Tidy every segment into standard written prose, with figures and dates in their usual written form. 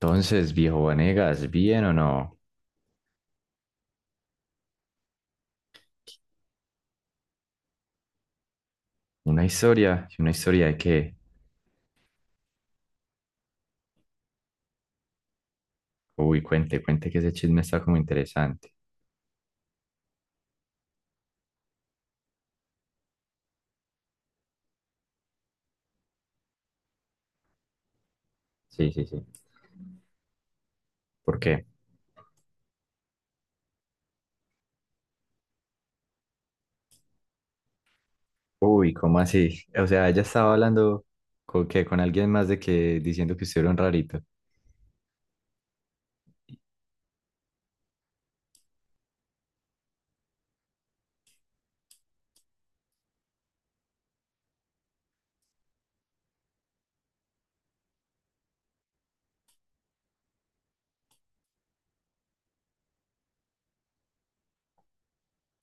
Entonces, viejo Vanegas, ¿bien o no? Una historia, ¿y una historia de qué? Uy, cuente, cuente que ese chisme está como interesante. Sí, sí, sí. ¿Por qué? Uy, ¿cómo así? O sea, ella estaba hablando con que con alguien más de que diciendo que usted era un rarito.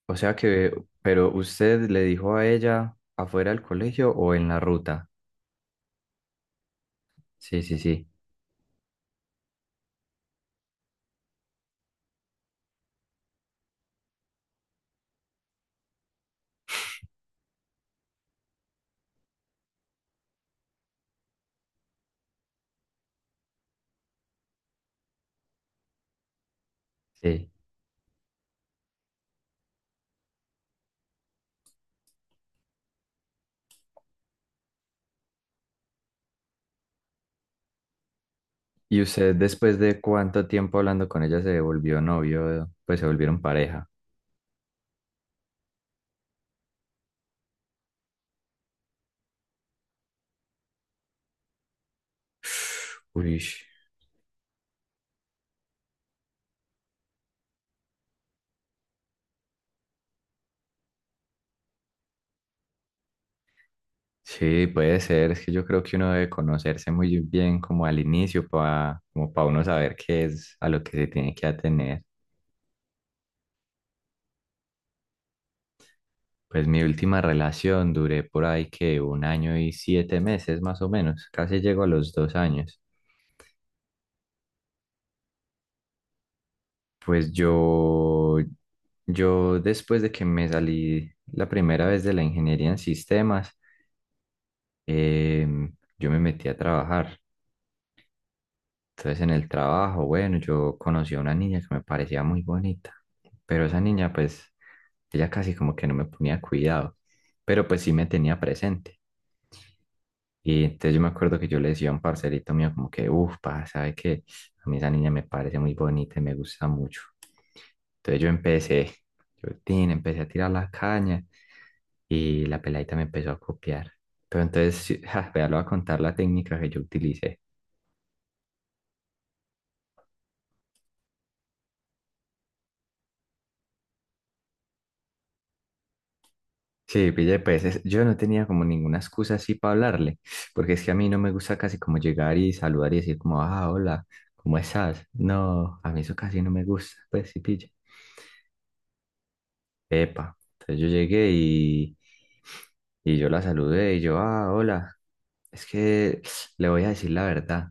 O sea que, pero usted le dijo a ella afuera del colegio o en la ruta. Sí, sí, sí. Sí. ¿Y usted después de cuánto tiempo hablando con ella se volvió novio? Pues se volvieron pareja. Uy. Sí, puede ser. Es que yo creo que uno debe conocerse muy bien como al inicio para como para uno saber qué es a lo que se tiene que atener. Pues mi última relación duré por ahí que 1 año y 7 meses más o menos. Casi llego a los 2 años. Pues yo, después de que me salí la primera vez de la ingeniería en sistemas, yo me metí a trabajar. Entonces en el trabajo, bueno, yo conocí a una niña que me parecía muy bonita, pero esa niña pues, ella casi como que no me ponía cuidado, pero pues sí me tenía presente. Y entonces yo me acuerdo que yo le decía a un parcerito mío como que, uff, pa, sabe que a mí esa niña me parece muy bonita y me gusta mucho. Entonces yo empecé, yo tin, Empecé a tirar la caña y la peladita me empezó a copiar. Pero entonces, sí, ja, vea, le voy a contar la técnica que yo utilicé. Sí, pille, pues es- yo no tenía como ninguna excusa así para hablarle, porque es que a mí no me gusta casi como llegar y saludar y decir como, ah, hola, ¿cómo estás? No, a mí eso casi no me gusta, pues sí, pille. Epa, entonces yo llegué y yo la saludé y yo, ah, hola, es que le voy a decir la verdad,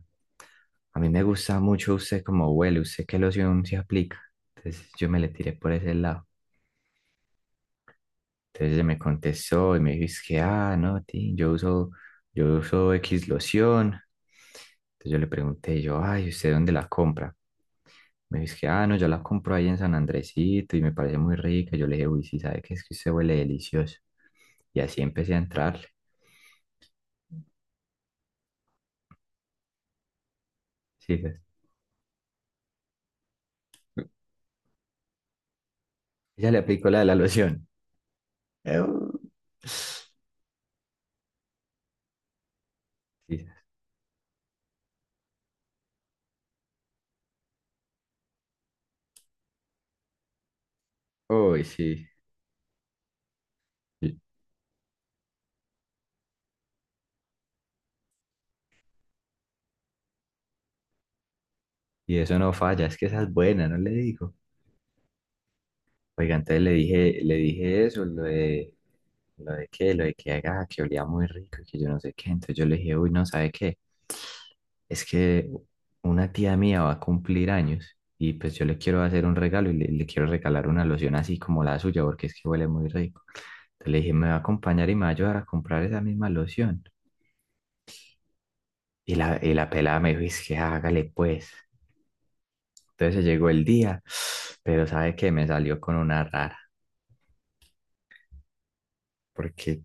a mí me gusta mucho usted como huele, usted qué loción se aplica, entonces yo me le tiré por ese lado. Entonces ella me contestó y me dijo, es que, ah, no, ti, yo uso X loción. Entonces yo le pregunté, yo, ay, ¿usted dónde la compra? Me dijo, es que, ah, no, yo la compro ahí en San Andresito y me parece muy rica. Yo le dije, uy, sí, ¿sabe qué? Es que usted huele delicioso. Y así empecé a entrarle. Sí, ¿sabes? Ella le aplicó la de la loción. Eu. Sí, ¿sabes? Uy, sí. Y y eso no falla, es que esa es buena, no le digo. Oiga, entonces le dije eso, lo de qué, lo de que haga, que olía muy rico y que yo no sé qué. Entonces yo le dije, uy, no, ¿sabe qué? Es que una tía mía va a cumplir años y pues yo le quiero hacer un regalo y le quiero regalar una loción así como la suya porque es que huele muy rico. Entonces le dije, me va a acompañar y me va a ayudar a comprar esa misma loción. Y la pelada me dijo, es que hágale pues. Entonces llegó el día, pero ¿sabe qué? Me salió con una rara porque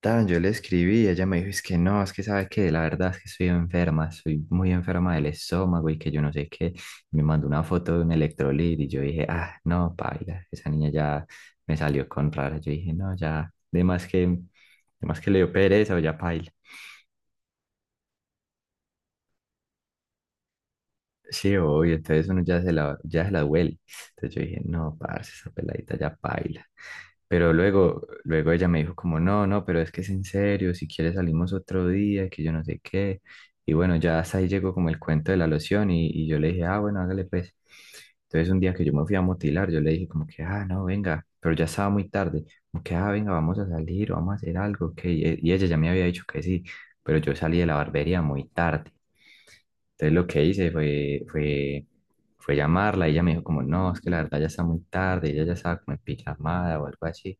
tan, yo le escribí y ella me dijo, es que no, es que sabe que la verdad es que estoy enferma, estoy muy enferma del estómago y que yo no sé qué. Me mandó una foto de un electrolit y yo dije, ah, no, paila, esa niña ya me salió con rara. Yo dije, no, ya, de más que le dio pereza o ya paila. Sí, obvio, entonces uno ya se la duele. Entonces yo dije, no, parce, esa peladita ya baila. Pero luego, luego ella me dijo como, no, no, pero es que es en serio, si quieres salimos otro día, que yo no sé qué. Y bueno, ya hasta ahí llegó como el cuento de la loción y yo le dije, ah, bueno, hágale pues. Entonces un día que yo me fui a motilar, yo le dije como que, ah, no, venga, pero ya estaba muy tarde, como que, ah, venga, vamos a salir, vamos a hacer algo, que y ella ya me había dicho que sí, pero yo salí de la barbería muy tarde. Entonces lo que hice fue llamarla y ella me dijo como, no, es que la verdad ya está muy tarde, ella ya estaba como en pijamada o algo así.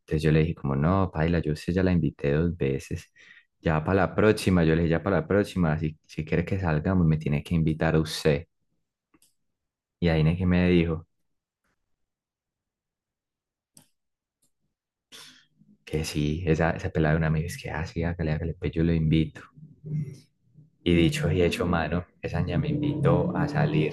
Entonces yo le dije como, no, paila, yo sé, ya la invité 2 veces, ya para la próxima, yo le dije, ya para la próxima, si quiere que salgamos, me tiene que invitar a usted. Y ahí es que me dijo que sí, esa pelada de una amiga es que, ah, sí, hágale, hágale, pues yo lo invito. Y dicho y hecho, mano, esa niña me invitó a salir.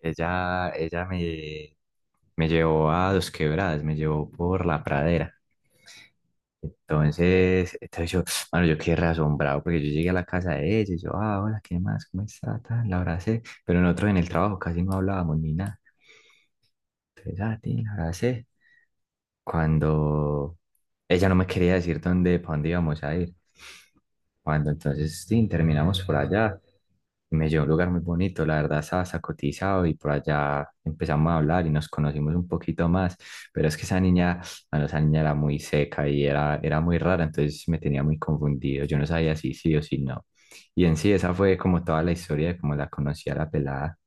Ella, ella me, Me llevó a Dos Quebradas, me llevó por la pradera. Entonces yo, bueno, yo quedé re asombrado porque yo llegué a la casa de ella y yo, ah, hola, ¿qué más? ¿Cómo está? Tal, la abracé, pero nosotros en el trabajo casi no hablábamos ni nada. Entonces, ah, ti, la abracé. Cuando ella no me quería decir dónde, para dónde íbamos a ir. Cuando entonces sí, terminamos por allá, me llevó a un lugar muy bonito, la verdad estaba sacotizado y por allá empezamos a hablar y nos conocimos un poquito más, pero es que esa niña, bueno, esa niña era muy seca y era muy rara, entonces me tenía muy confundido, yo no sabía si sí o si no. Y en sí, esa fue como toda la historia de cómo la conocí a la pelada.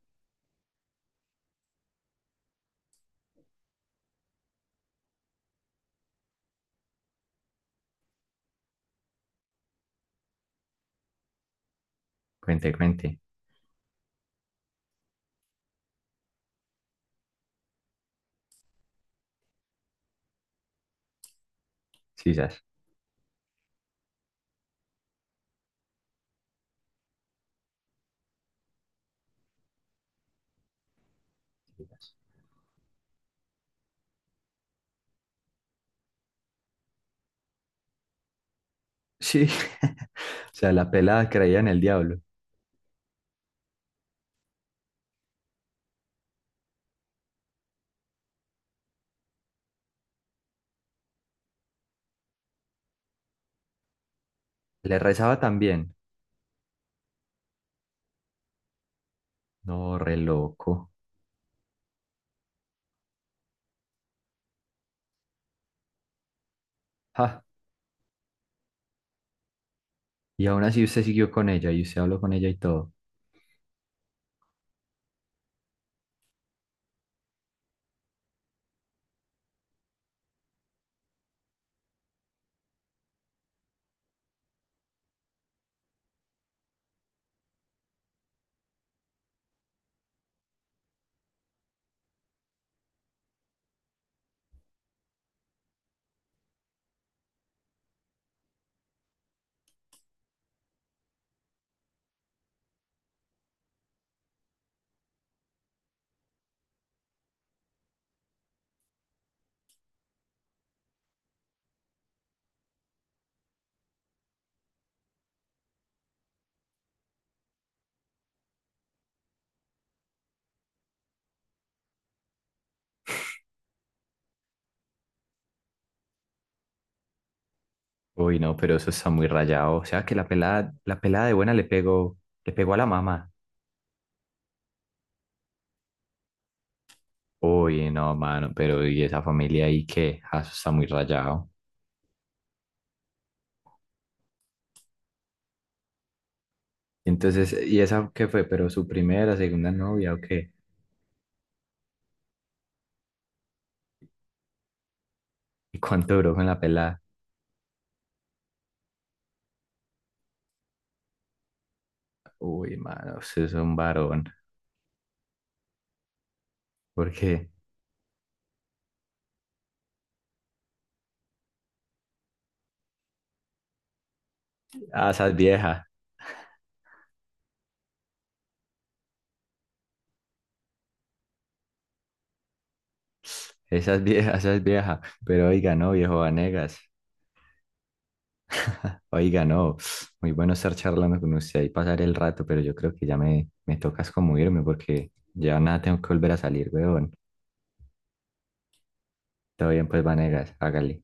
Cuente, cuente, sí, sas. Sí, o sea, la pelada creía en el diablo. Le rezaba también. No, re loco. Ja. Y aún así usted siguió con ella y usted habló con ella y todo. Uy, no, pero eso está muy rayado. O sea que la pelada de buena le pegó a la mamá. Uy, no, mano, pero ¿y esa familia ahí qué? Ah, eso está muy rayado. Entonces, ¿y esa qué fue? ¿Pero su primera, segunda novia o qué? ¿Y cuánto duró con la pelada? Uy, mano, usted es un varón. ¿Por qué? Ah, esa es vieja. Esa es vieja, esa es vieja. Pero oiga, no, viejo Vanegas. Oiga, no, muy bueno estar charlando con usted y pasar el rato, pero yo creo que ya me tocas como irme porque ya nada tengo que volver a salir, weón. Todo bien, pues, Vanegas, hágale.